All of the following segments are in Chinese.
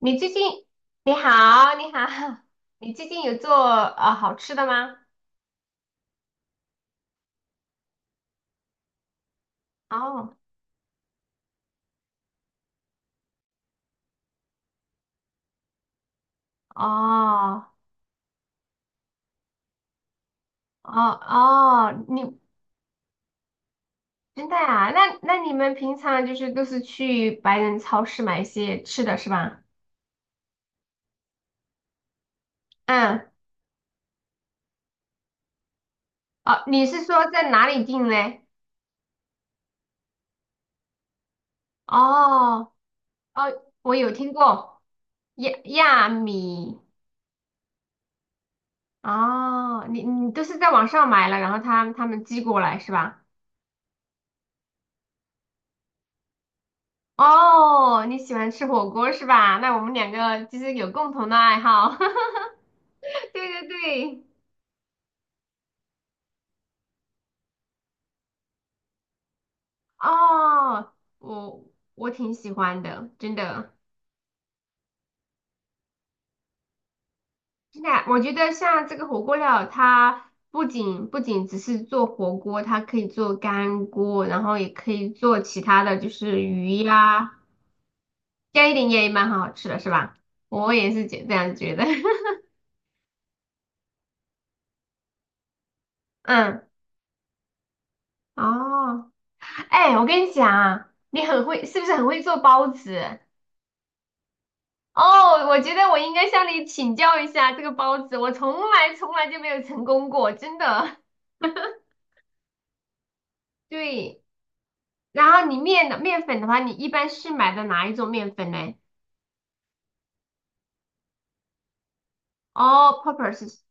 你最近你好，你好，你最近有做好吃的吗？哦哦哦，你真的啊？那你们平常就是都是去白人超市买一些吃的是吧？嗯。哦，你是说在哪里订嘞？哦哦，我有听过亚米。哦，你你都是在网上买了，然后他们寄过来是吧？哦，你喜欢吃火锅是吧？那我们两个就是有共同的爱好。对对对。哦，我我挺喜欢的，真的。真的，我觉得像这个火锅料，它不仅只是做火锅，它可以做干锅，然后也可以做其他的，就是鱼呀、加一点盐也蛮好吃的，是吧？我也是觉这样觉得。嗯。哦，哎，我跟你讲啊你很会，是不是很会做包子？哦，我觉得我应该向你请教一下这个包子，我从来就没有成功过，真的。对。然后你面的面粉的话，你一般是买的哪一种面粉呢？All purpose，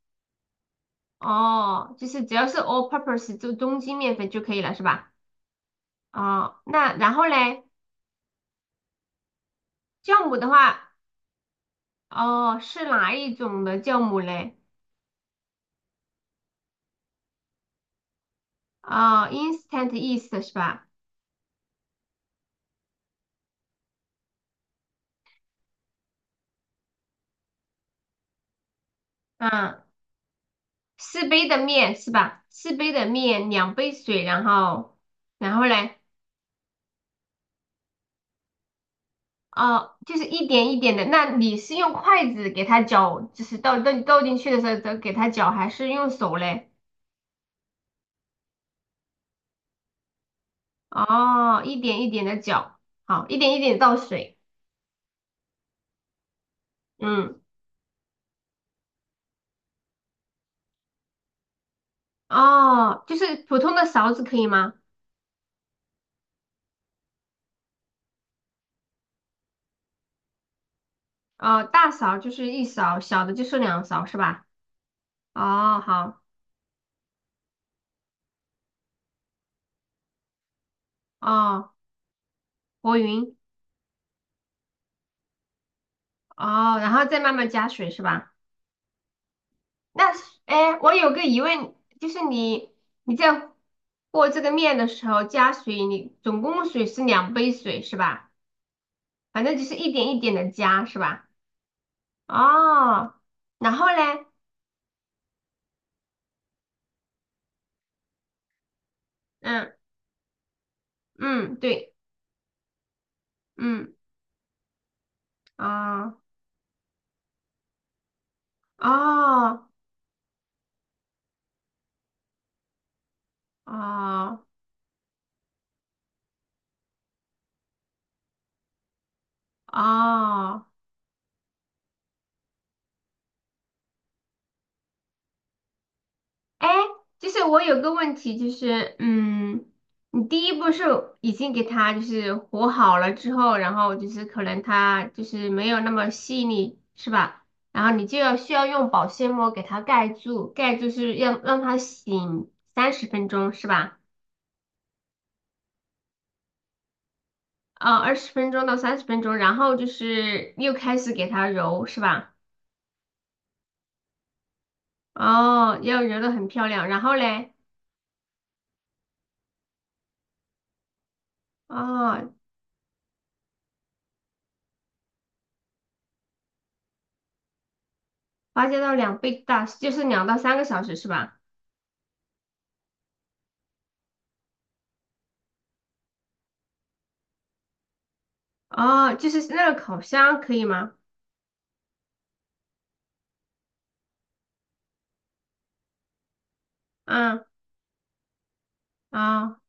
哦，就是只要是 all purpose 就中筋面粉就可以了，是吧？哦，那然后嘞？酵母的话，哦，是哪一种的酵母嘞？哦，instant yeast 是吧？嗯，四杯的面是吧？四杯的面，两杯水，然后然后嘞。啊，就是一点一点的。那你是用筷子给它搅，就是倒进去的时候，再给它搅，还是用手嘞？哦，一点一点的搅，好，一点一点地倒水。嗯。哦，就是普通的勺子可以吗？哦，大勺就是一勺，小的就是两勺，是吧？哦，好。哦，和匀。哦，然后再慢慢加水，是吧？那是。哎，我有个疑问，就是你你在和这个面的时候加水，你总共水是两杯水是吧？反正就是一点一点的加是吧？哦，然后嘞？嗯嗯，对。嗯。啊啊啊啊。哦哎，就是我有个问题，就是你第一步是已经给它就是和好了之后，然后就是可能它就是没有那么细腻，是吧？然后你就要需要用保鲜膜给它盖住，盖住是要让它醒三十分钟，是吧？啊、20分钟到30分钟，然后就是又开始给它揉，是吧？哦，要揉的很漂亮，然后嘞？哦，发酵到2倍大，就是2到3个小时，是吧？哦，就是那个烤箱可以吗？嗯。啊。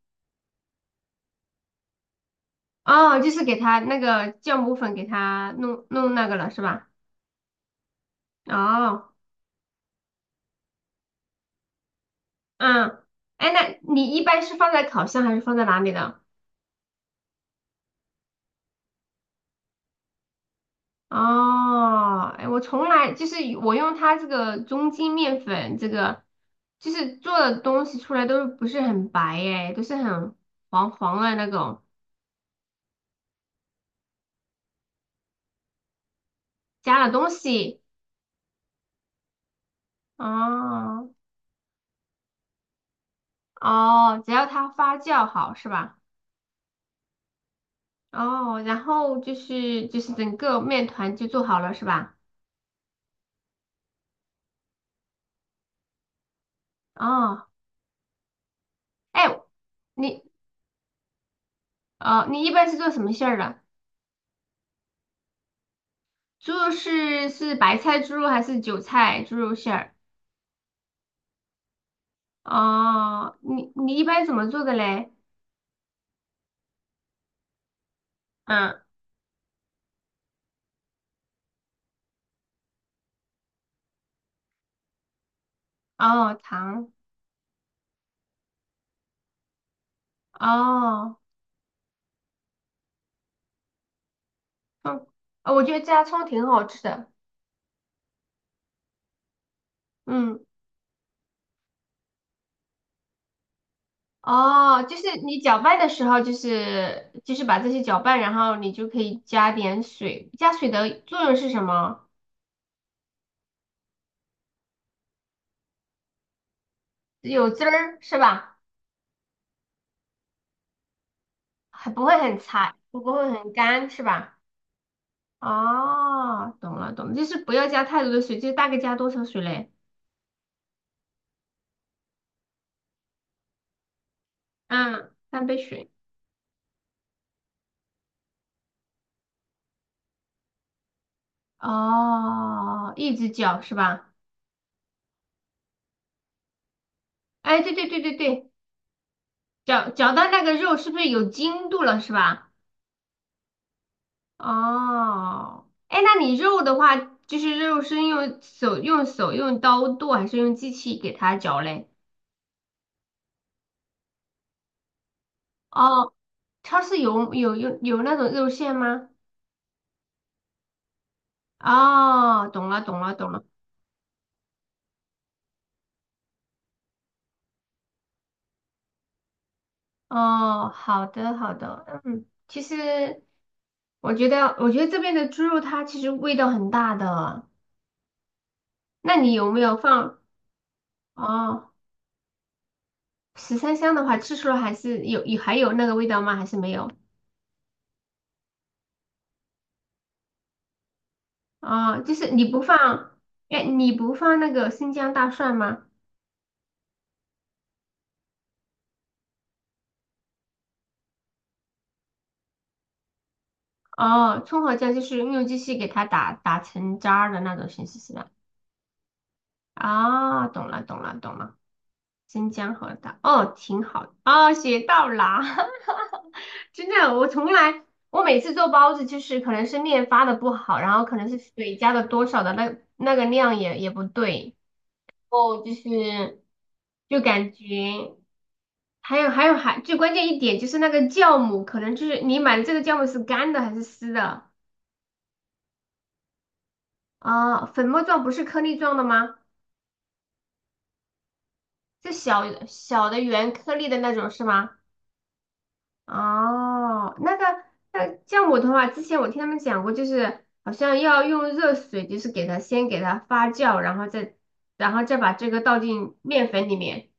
哦，就是给它那个酵母粉给它弄那个了是吧？哦。嗯。哎，那你一般是放在烤箱还是放在哪里的？哦，哎，我从来就是我用它这个中筋面粉，这个就是做的东西出来都不是很白哎，都是很黄黄的那种，加了东西。哦哦，只要它发酵好是吧？哦，然后就是整个面团就做好了是吧？哦，哎，你哦，你一般是做什么馅儿的？猪肉是白菜猪肉还是韭菜猪肉馅儿？哦，你你一般怎么做的嘞？嗯。哦，糖。哦。嗯。哦我觉得加葱挺好吃的。嗯。哦，就是你搅拌的时候，就是把这些搅拌，然后你就可以加点水，加水的作用是什么？有汁儿是吧？还不会很柴，不过会很干，是吧？哦，懂了懂了，就是不要加太多的水，就大概加多少水嘞？嗯，3杯水。哦，一直搅是吧？哎，对对对对对，搅到那个肉是不是有筋度了是吧？哦，哎，那你肉的话，就是肉是用刀剁还是用机器给它搅嘞？哦，超市有那种肉馅吗？哦，懂了懂了懂了。哦，好的好的。嗯，其实我觉得，我觉得这边的猪肉它其实味道很大的。那你有没有放？哦，13香的话，吃出来还是有还有那个味道吗？还是没有？哦，就是你不放。哎，你不放那个生姜大蒜吗？哦，葱和姜就是用机器给它打成渣儿的那种形式是吧？啊、懂了懂了懂了。生姜和大，哦，挺好，哦，学到啦。真的，我从来，我每次做包子就是可能是面发的不好，然后可能是水加的多少的那个量也不对。哦，就感觉还最关键一点就是那个酵母，可能就是你买的这个酵母是干的还是湿的。啊？粉末状不是颗粒状的吗？是小小的圆颗粒的那种是吗？哦，那个，那酵母的话，之前我听他们讲过，就是好像要用热水，就是给它发酵，然后再，然后再把这个倒进面粉里面。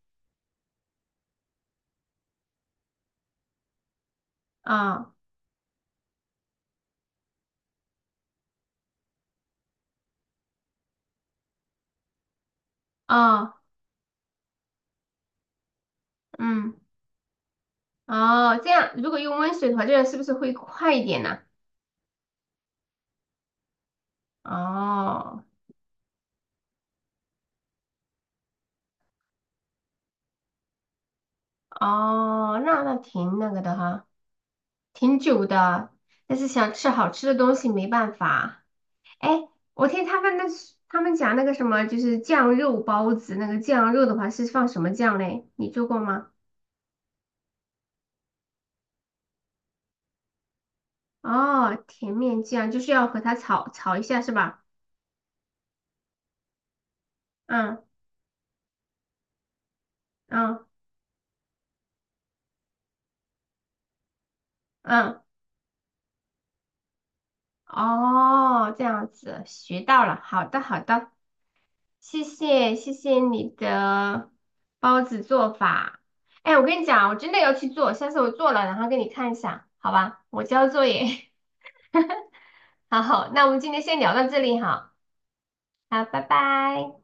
啊、啊嗯。哦，这样如果用温水的话，这样是不是会快一点呢？哦。哦，那那挺那个的哈，挺久的，但是想吃好吃的东西没办法。哎，我听他们那是他们讲那个什么，就是酱肉包子，那个酱肉的话是放什么酱嘞？你做过吗？哦，甜面酱就是要和它炒炒一下是吧？嗯嗯嗯。哦，这样子学到了，好的好的。谢谢你的包子做法。哎，我跟你讲，我真的要去做，下次我做了然后给你看一下，好吧？我交作业。好好，那我们今天先聊到这里哈。好，拜拜。